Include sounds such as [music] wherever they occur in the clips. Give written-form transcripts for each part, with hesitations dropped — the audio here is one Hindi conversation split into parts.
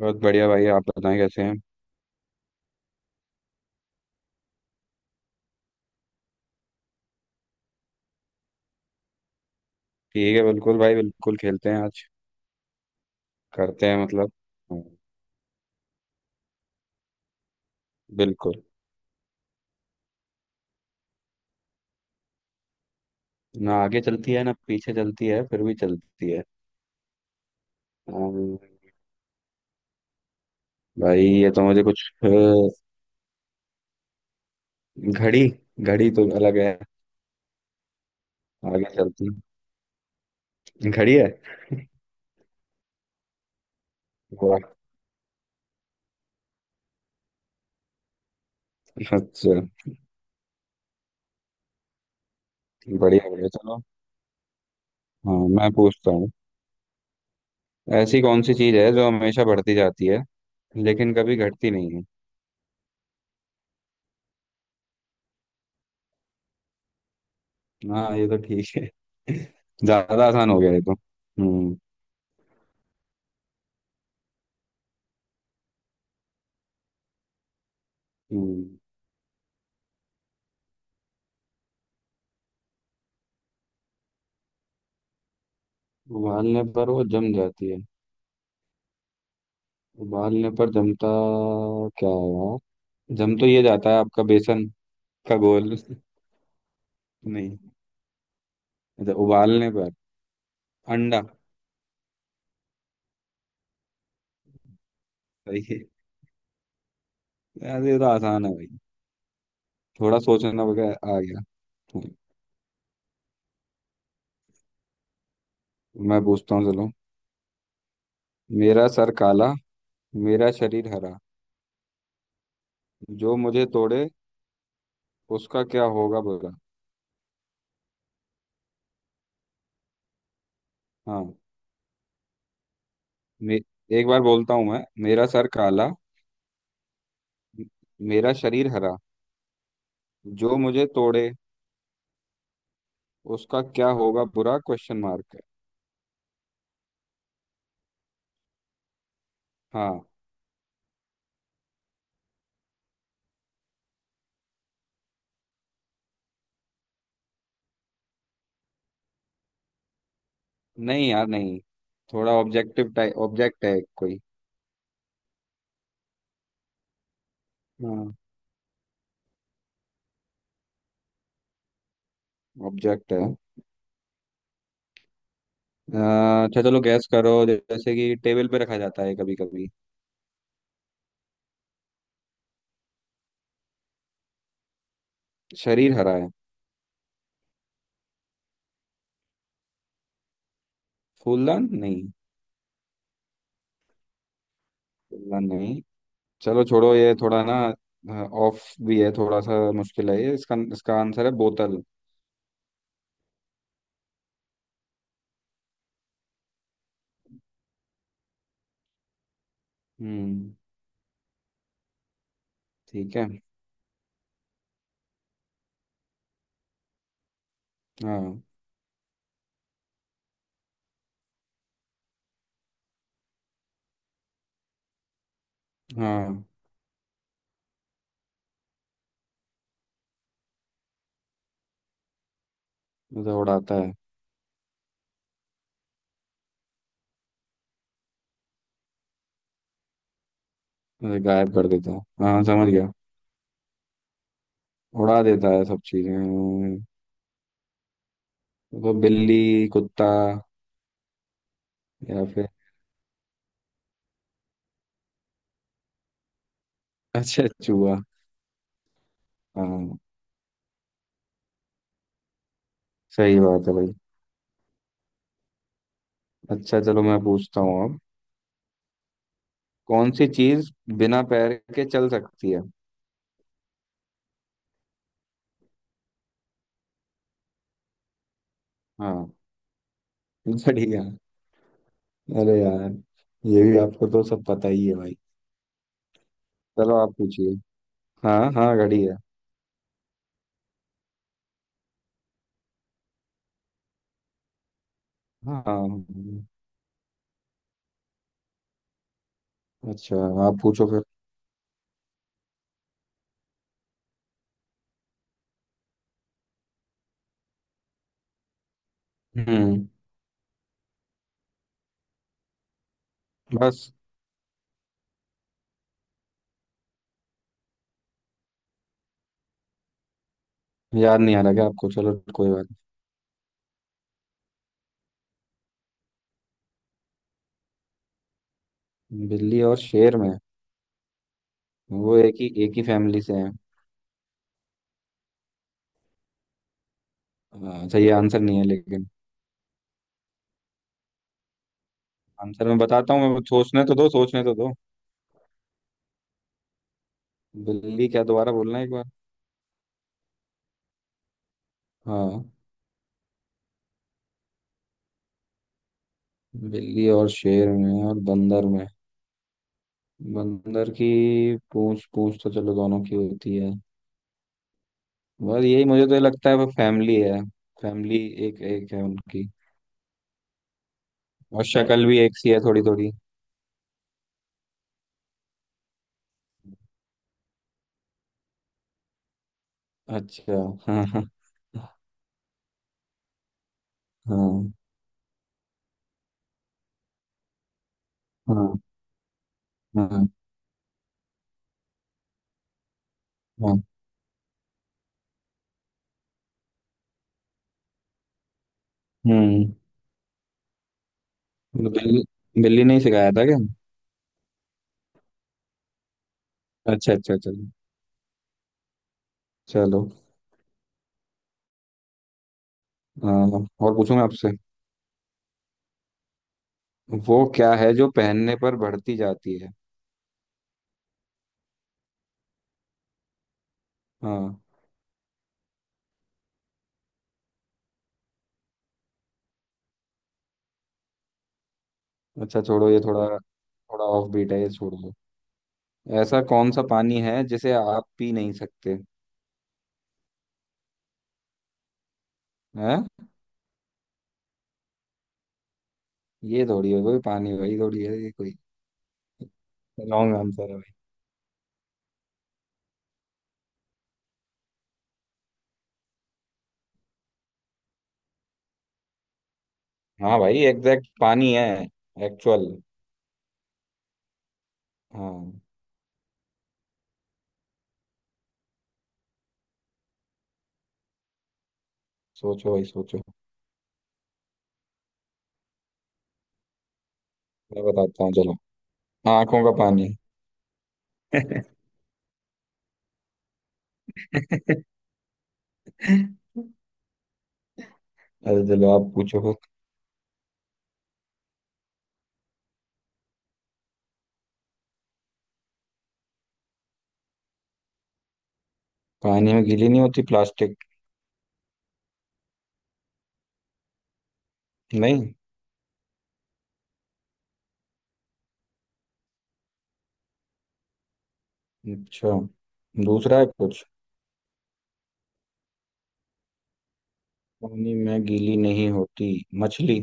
बहुत बढ़िया भाई, आप बताएं कैसे हैं। ठीक है, बिल्कुल भाई, बिल्कुल खेलते हैं आज। करते हैं मतलब। हाँ, बिल्कुल। ना आगे चलती है ना पीछे चलती है, फिर भी चलती है। अम्म, भाई ये तो मुझे कुछ घड़ी। घड़ी तो अलग है। आगे चलती है। घड़ी है। वाह, अच्छा। बढ़िया बढ़िया चलो। हाँ मैं पूछता हूँ। ऐसी कौन सी चीज है जो हमेशा बढ़ती जाती है लेकिन कभी घटती नहीं है। हाँ ये तो ठीक है। [laughs] ज्यादा आसान हो गया ये तो। हम्म। हम्म। उबालने पर वो जम जाती है। उबालने पर जमता क्या है यार। जम तो ये जाता है आपका बेसन का घोल। [laughs] नहीं। अच्छा, उबालने पर। अंडा। सही है यार, ये तो आसान है भाई। थोड़ा सोचना वगैरह आ गया। मैं पूछता हूँ चलो। मेरा सर काला, मेरा शरीर हरा, जो मुझे तोड़े, उसका क्या होगा बुरा। हाँ। मे, एक बार बोलता हूँ मैं। मेरा सर काला, मेरा शरीर हरा, जो मुझे तोड़े, उसका क्या होगा बुरा, क्वेश्चन मार्क। हाँ। नहीं यार नहीं। थोड़ा ऑब्जेक्टिव टाइप ऑब्जेक्ट है कोई। हाँ, ऑब्जेक्ट है। अ, अच्छा चलो गैस करो, जैसे कि टेबल पे रखा जाता है कभी कभी। शरीर हरा है। फूलदान नहीं। फूलदान नहीं। चलो छोड़ो ये थोड़ा ना। ऑफ भी है, थोड़ा सा मुश्किल है ये। इसका इसका आंसर है बोतल। हम्म। ठीक है। हाँ हाँ। मुझे उड़ाता है। मुझे गायब कर देता है। हाँ समझ गया। उड़ा देता है सब चीजें। तो बिल्ली, कुत्ता, या फिर। अच्छा, चूहा। हाँ। सही बात है भाई। अच्छा चलो मैं पूछता हूँ अब। कौन सी चीज बिना पैर के चल सकती है। हाँ, बढ़िया। अरे यार, ये भी आपको तो सब पता ही है भाई। चलो आप पूछिए। हाँ हाँ, घड़ी है। हाँ। अच्छा। आप पूछो फिर। हम्म। बस। याद नहीं आ रहा क्या आपको, चलो कोई बात नहीं। बिल्ली और शेर में वो एक ही फैमिली से हैं। अच्छा, ये आंसर नहीं है लेकिन। आंसर मैं बताता हूँ, मैं सोचने तो दो, सोचने तो दो। बिल्ली क्या, दोबारा बोलना एक बार। हाँ। बिल्ली और शेर में और बंदर में। बंदर की पूंछ, पूंछ तो चलो दोनों की होती है। बस यही मुझे तो ये लगता है वो फैमिली है। फैमिली एक एक है उनकी। और शक्ल भी एक सी है, थोड़ी थोड़ी। अच्छा। हाँ हाँ। हाँ। हाँ। हाँ। हाँ, हम्म। बिल्ली। बिल्ली ने ही सिखाया था क्या। अच्छा अच्छा चलो। चलो। हाँ, और पूछूंगा आपसे। वो क्या है जो पहनने पर बढ़ती जाती है। हाँ। अच्छा छोड़ो ये थोड़ा। थोड़ा ऑफ बीट है ये, छोड़ दो। ऐसा कौन सा पानी है जिसे आप पी नहीं सकते। हैं। ये थोड़ी है कोई पानी भाई, थोड़ी है ये कोई लॉन्ग आंसर है भाई। हाँ भाई, एग्जैक्ट पानी है। एक्चुअल। हाँ। सोचो भाई सोचो। मैं बताता हूँ चलो। आंखों का पानी। [laughs] अरे चलो आप पूछो कुछ। पानी में गीली नहीं होती, प्लास्टिक। नहीं। अच्छा, दूसरा है कुछ। पानी में गीली नहीं होती, मछली।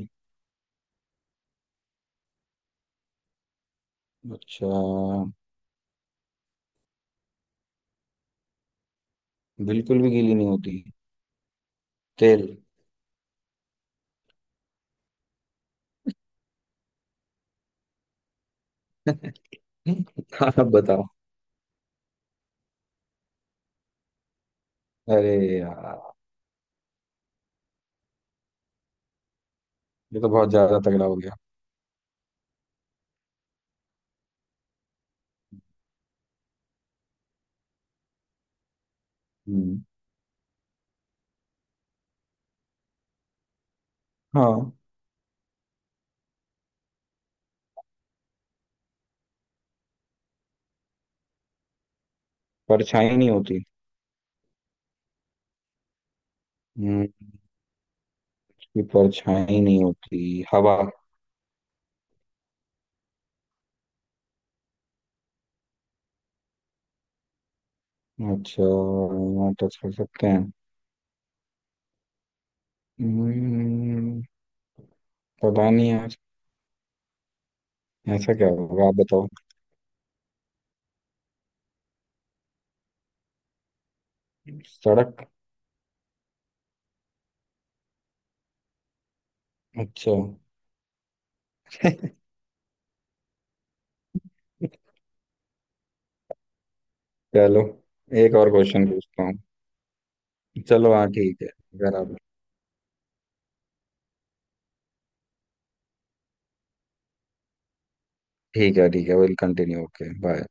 अच्छा। बिल्कुल भी गीली नहीं होती, तेल। [laughs] आप बताओ। अरे यार, ये तो बहुत ज्यादा तगड़ा हो गया। हम्म। हाँ। परछाई नहीं होती। हम्म। इसकी परछाई नहीं होती, हवा। अच्छा, यहाँ टच कर सकते हैं। हम्म। पता नहीं यार, ऐसा क्या होगा आप बताओ। सड़क। अच्छा। [laughs] चलो। एक और क्वेश्चन पूछता हूँ। चलो हाँ, ठीक है अगर आप। ठीक है ठीक है, विल कंटिन्यू, ओके बाय।